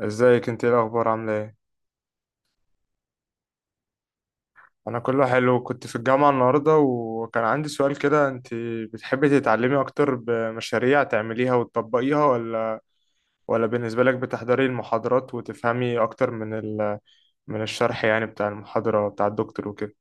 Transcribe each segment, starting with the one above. ازيك؟ انت ايه الاخبار؟ عامله ايه؟ انا كله حلو، كنت في الجامعه النهارده وكان عندي سؤال كده. انت بتحبي تتعلمي اكتر بمشاريع تعمليها وتطبقيها، ولا بالنسبه لك بتحضري المحاضرات وتفهمي اكتر من الشرح يعني، بتاع المحاضره بتاع الدكتور وكده؟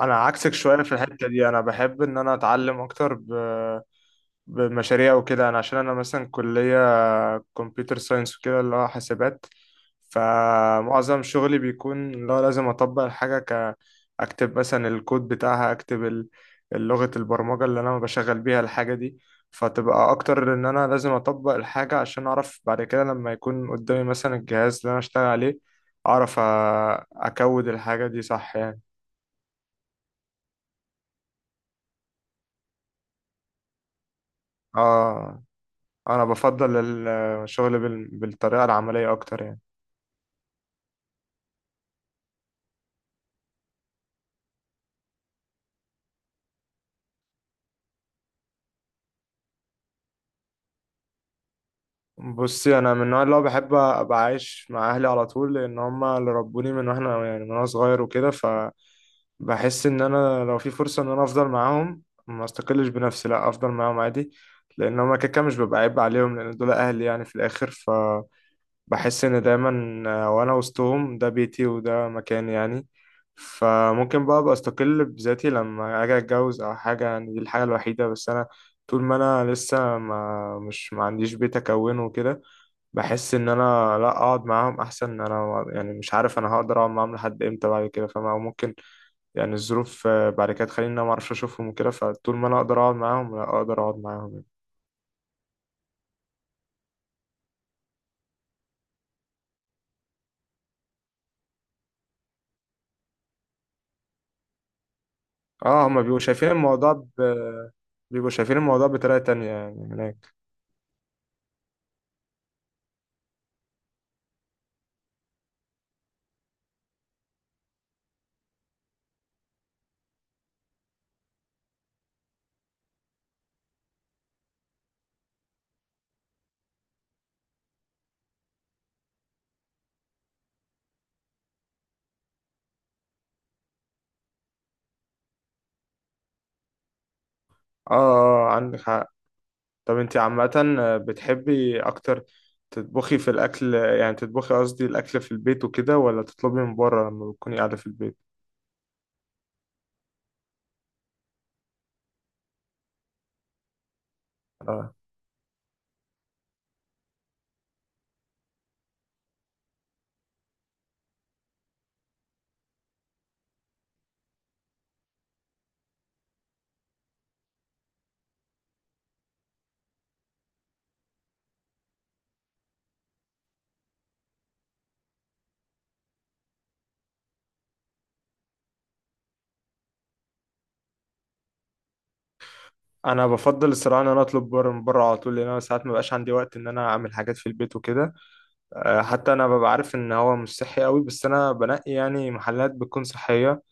انا عكسك شويه في الحته دي، انا بحب ان انا اتعلم اكتر بمشاريع وكده. انا عشان انا مثلا كليه كمبيوتر ساينس وكده، اللي هو حاسبات، فمعظم شغلي بيكون اللي هو لازم اطبق الحاجة، اكتب مثلا الكود بتاعها، اكتب لغة البرمجة اللي انا بشغل بيها الحاجة دي. فتبقى اكتر ان انا لازم اطبق الحاجة عشان اعرف بعد كده لما يكون قدامي مثلا الجهاز اللي انا اشتغل عليه، اعرف اكود الحاجة دي صح يعني. اه، انا بفضل الشغل بالطريقة العملية اكتر يعني. بصي، انا من النوع اللي هو بحب ابقى عايش مع اهلي على طول، لان هم اللي ربوني من واحنا يعني من وانا صغير وكده، فبحس ان انا لو في فرصه ان انا افضل معاهم ما استقلش بنفسي، لا افضل معاهم عادي. لان هم كده كده مش ببقى عيب عليهم، لان دول اهلي يعني في الاخر، فبحس ان دايما وانا وسطهم ده بيتي وده مكاني يعني. فممكن بقى ابقى استقل بذاتي لما اجي اتجوز او حاجه، يعني دي الحاجه الوحيده. بس انا طول ما انا لسه ما عنديش بيت اكونه وكده، بحس ان انا لا، اقعد معاهم احسن، ان انا يعني مش عارف انا هقدر اقعد معاهم لحد امتى بعد كده، فاهم؟ او ممكن يعني الظروف بعد كده تخليني إن انا ما اعرفش اشوفهم وكده، فطول ما انا اقدر اقعد معاهم لا اقدر اقعد معاهم يعني. اه، هما بيبقوا شايفين الموضوع بطريقة تانية يعني هناك. اه، اه، آه، عندك حق. طب انت عامة، بتحبي اكتر تطبخي في الاكل، يعني تطبخي قصدي الاكل في البيت وكده، ولا تطلبي من بره لما بتكوني قاعدة في البيت؟ اه، انا بفضل الصراحه ان انا اطلب بره من بره على طول، لان انا ساعات ما بقاش عندي وقت ان انا اعمل حاجات في البيت وكده. حتى انا ببقى عارف ان هو مش صحي قوي، بس انا بنقي يعني محلات بتكون صحيه،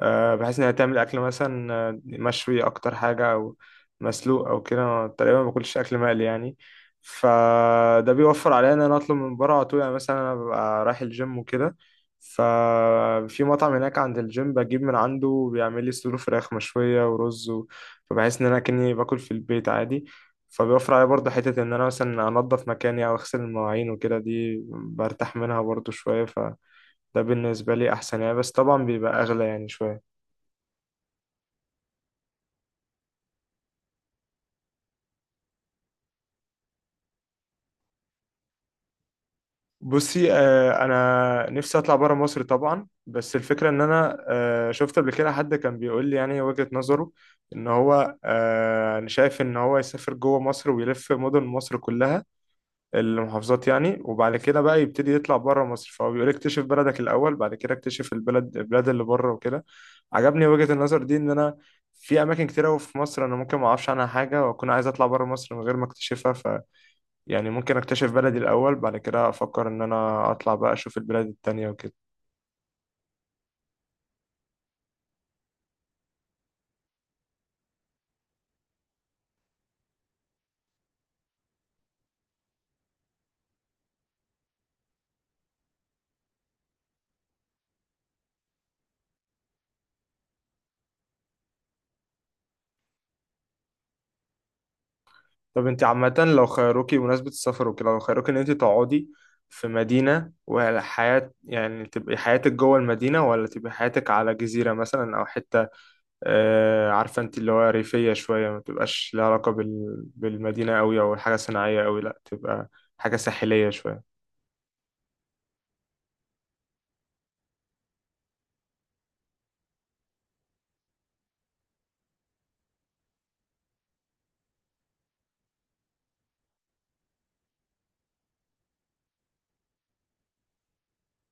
بحيث انها تعمل اكل مثلا مشوي اكتر حاجه او مسلوق او كده. أنا تقريبا ما باكلش اكل مقلي يعني، فده بيوفر عليا ان انا اطلب من بره على طول. يعني مثلا انا ببقى رايح الجيم وكده، ففي مطعم هناك عند الجيم بجيب من عنده، بيعمل لي صدور فراخ مشويه ورز فبحس ان انا كاني باكل في البيت عادي. فبيوفر عليا برضه حتة إن أنا مثلا أنضف مكاني أو أغسل المواعين وكده، دي برتاح منها برضه شوية، فده بالنسبة لي أحسن يعني، بس طبعا بيبقى أغلى يعني شوية. بصي، انا نفسي اطلع بره مصر طبعا، بس الفكره ان انا شفت قبل كده حد كان بيقول لي يعني وجهه نظره، ان هو، انا شايف ان هو يسافر جوه مصر ويلف مدن مصر كلها، المحافظات يعني، وبعد كده بقى يبتدي يطلع بره مصر. فهو بيقول اكتشف بلدك الاول، بعد كده اكتشف البلاد اللي بره وكده. عجبني وجهه النظر دي، ان انا في اماكن كتير أوي في مصر انا ممكن ما اعرفش عنها حاجه واكون عايز اطلع بره مصر من غير ما اكتشفها. يعني ممكن اكتشف بلدي الاول، بعد كده افكر ان انا اطلع بقى اشوف البلاد التانية وكده. طب انت عامة لو خيروكي بمناسبة السفر وكده، لو خيروكي ان انت تقعدي في مدينة وحياة، يعني تبقي حياتك جوه المدينة، ولا تبقي حياتك على جزيرة مثلا او حتة عارفة انت اللي هو ريفية شوية، ما تبقاش لها علاقة بالمدينة قوي او حاجة صناعية قوي، لا تبقى حاجة ساحلية شوية؟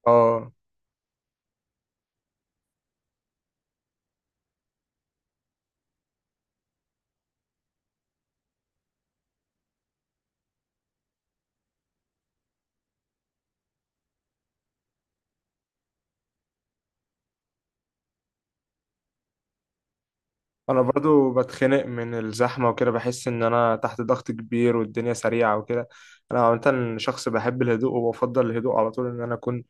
اه، انا برضو بتخنق من الزحمه وكده، بحس ان انا تحت ضغط كبير والدنيا سريعه وكده. انا عامه شخص بحب الهدوء، وبفضل الهدوء على طول ان انا اكون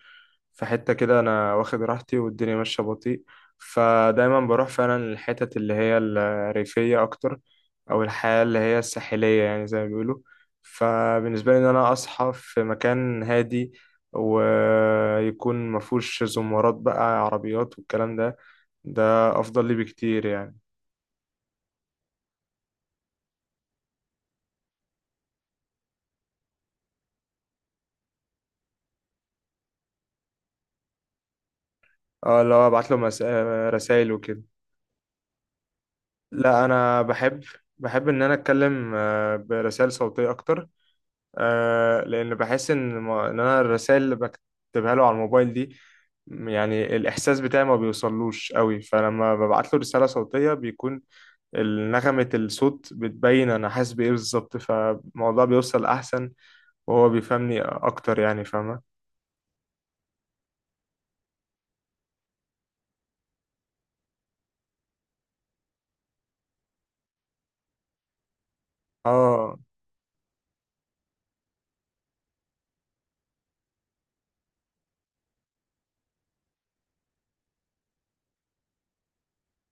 في حته كده انا واخد راحتي والدنيا ماشيه بطيء، فدايما بروح فعلا للحتت اللي هي الريفيه اكتر، او الحياه اللي هي الساحليه، يعني زي ما بيقولوا. فبالنسبه لي ان انا اصحى في مكان هادي ويكون مفهوش زمارات بقى عربيات والكلام ده، ده افضل لي بكتير يعني. اه، اللي هو ابعت له رسائل وكده؟ لا، انا بحب ان انا اتكلم برسائل صوتيه اكتر، لان بحس ان ما... ان انا الرسائل اللي بكتبها له على الموبايل دي، يعني الاحساس بتاعي ما بيوصلوش قوي، فلما ببعت له رساله صوتيه بيكون نغمه الصوت بتبين انا حاسس بايه بالظبط، فالموضوع بيوصل احسن وهو بيفهمني اكتر يعني، فاهمه؟ اه،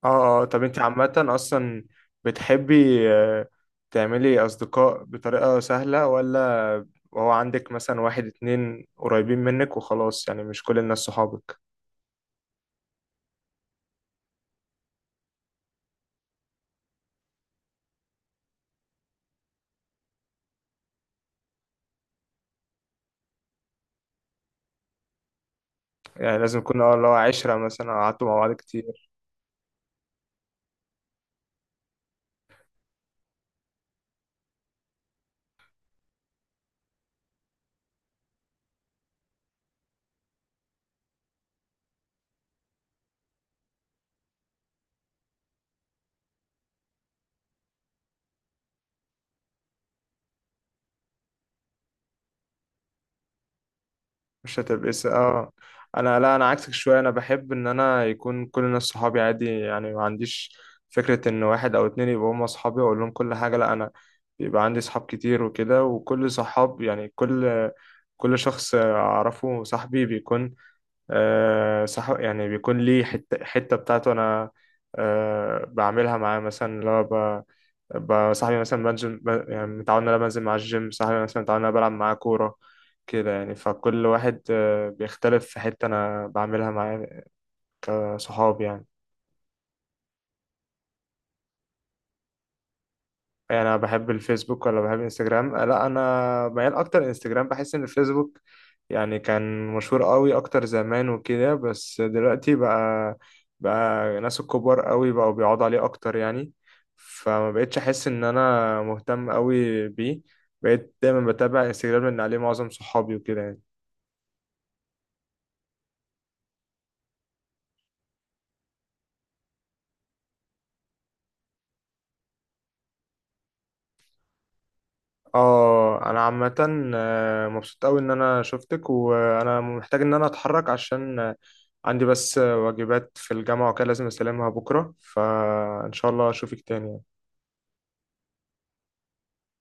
اه، اه، طب انت عامة اصلا بتحبي، تعملي اصدقاء بطريقة سهلة؟ ولا هو عندك مثلا واحد اتنين قريبين منك وخلاص، يعني مش كل الناس صحابك؟ يعني لازم يكون اه، اللي هو عشرة مثلا، أو قعدتوا مع بعض كتير. مش هتبقى انا، لا، انا عكسك شويه، انا بحب ان انا يكون كل الناس صحابي عادي، يعني ما عنديش فكره ان واحد او اتنين يبقوا هم صحابي واقول لهم كل حاجه. لا، انا بيبقى عندي صحاب كتير وكده، وكل صحاب يعني كل شخص اعرفه صاحبي بيكون صح يعني، بيكون ليه حته حته بتاعته انا بعملها معاه. مثلا اللي هو بقى صاحبي مثلا بنزل يعني متعود ان انا بنزل مع الجيم، صاحبي مثلا متعود ان انا بلعب معاه كورة كده يعني. فكل واحد بيختلف في حتة انا بعملها معاه كصحاب يعني. انا بحب الفيسبوك ولا بحب انستجرام؟ لا، انا ميال اكتر انستجرام. بحس ان الفيسبوك يعني كان مشهور قوي اكتر زمان وكده، بس دلوقتي بقى ناس الكبار قوي بقوا بيقعدوا عليه اكتر يعني، فما بقتش احس ان انا مهتم قوي بيه. بقيت دايما بتابع انستجرام لان عليه معظم صحابي وكده يعني. اه، انا عامة مبسوط قوي ان انا شفتك، وانا محتاج ان انا اتحرك عشان عندي بس واجبات في الجامعة وكده لازم اسلمها بكرة، فان شاء الله اشوفك تاني.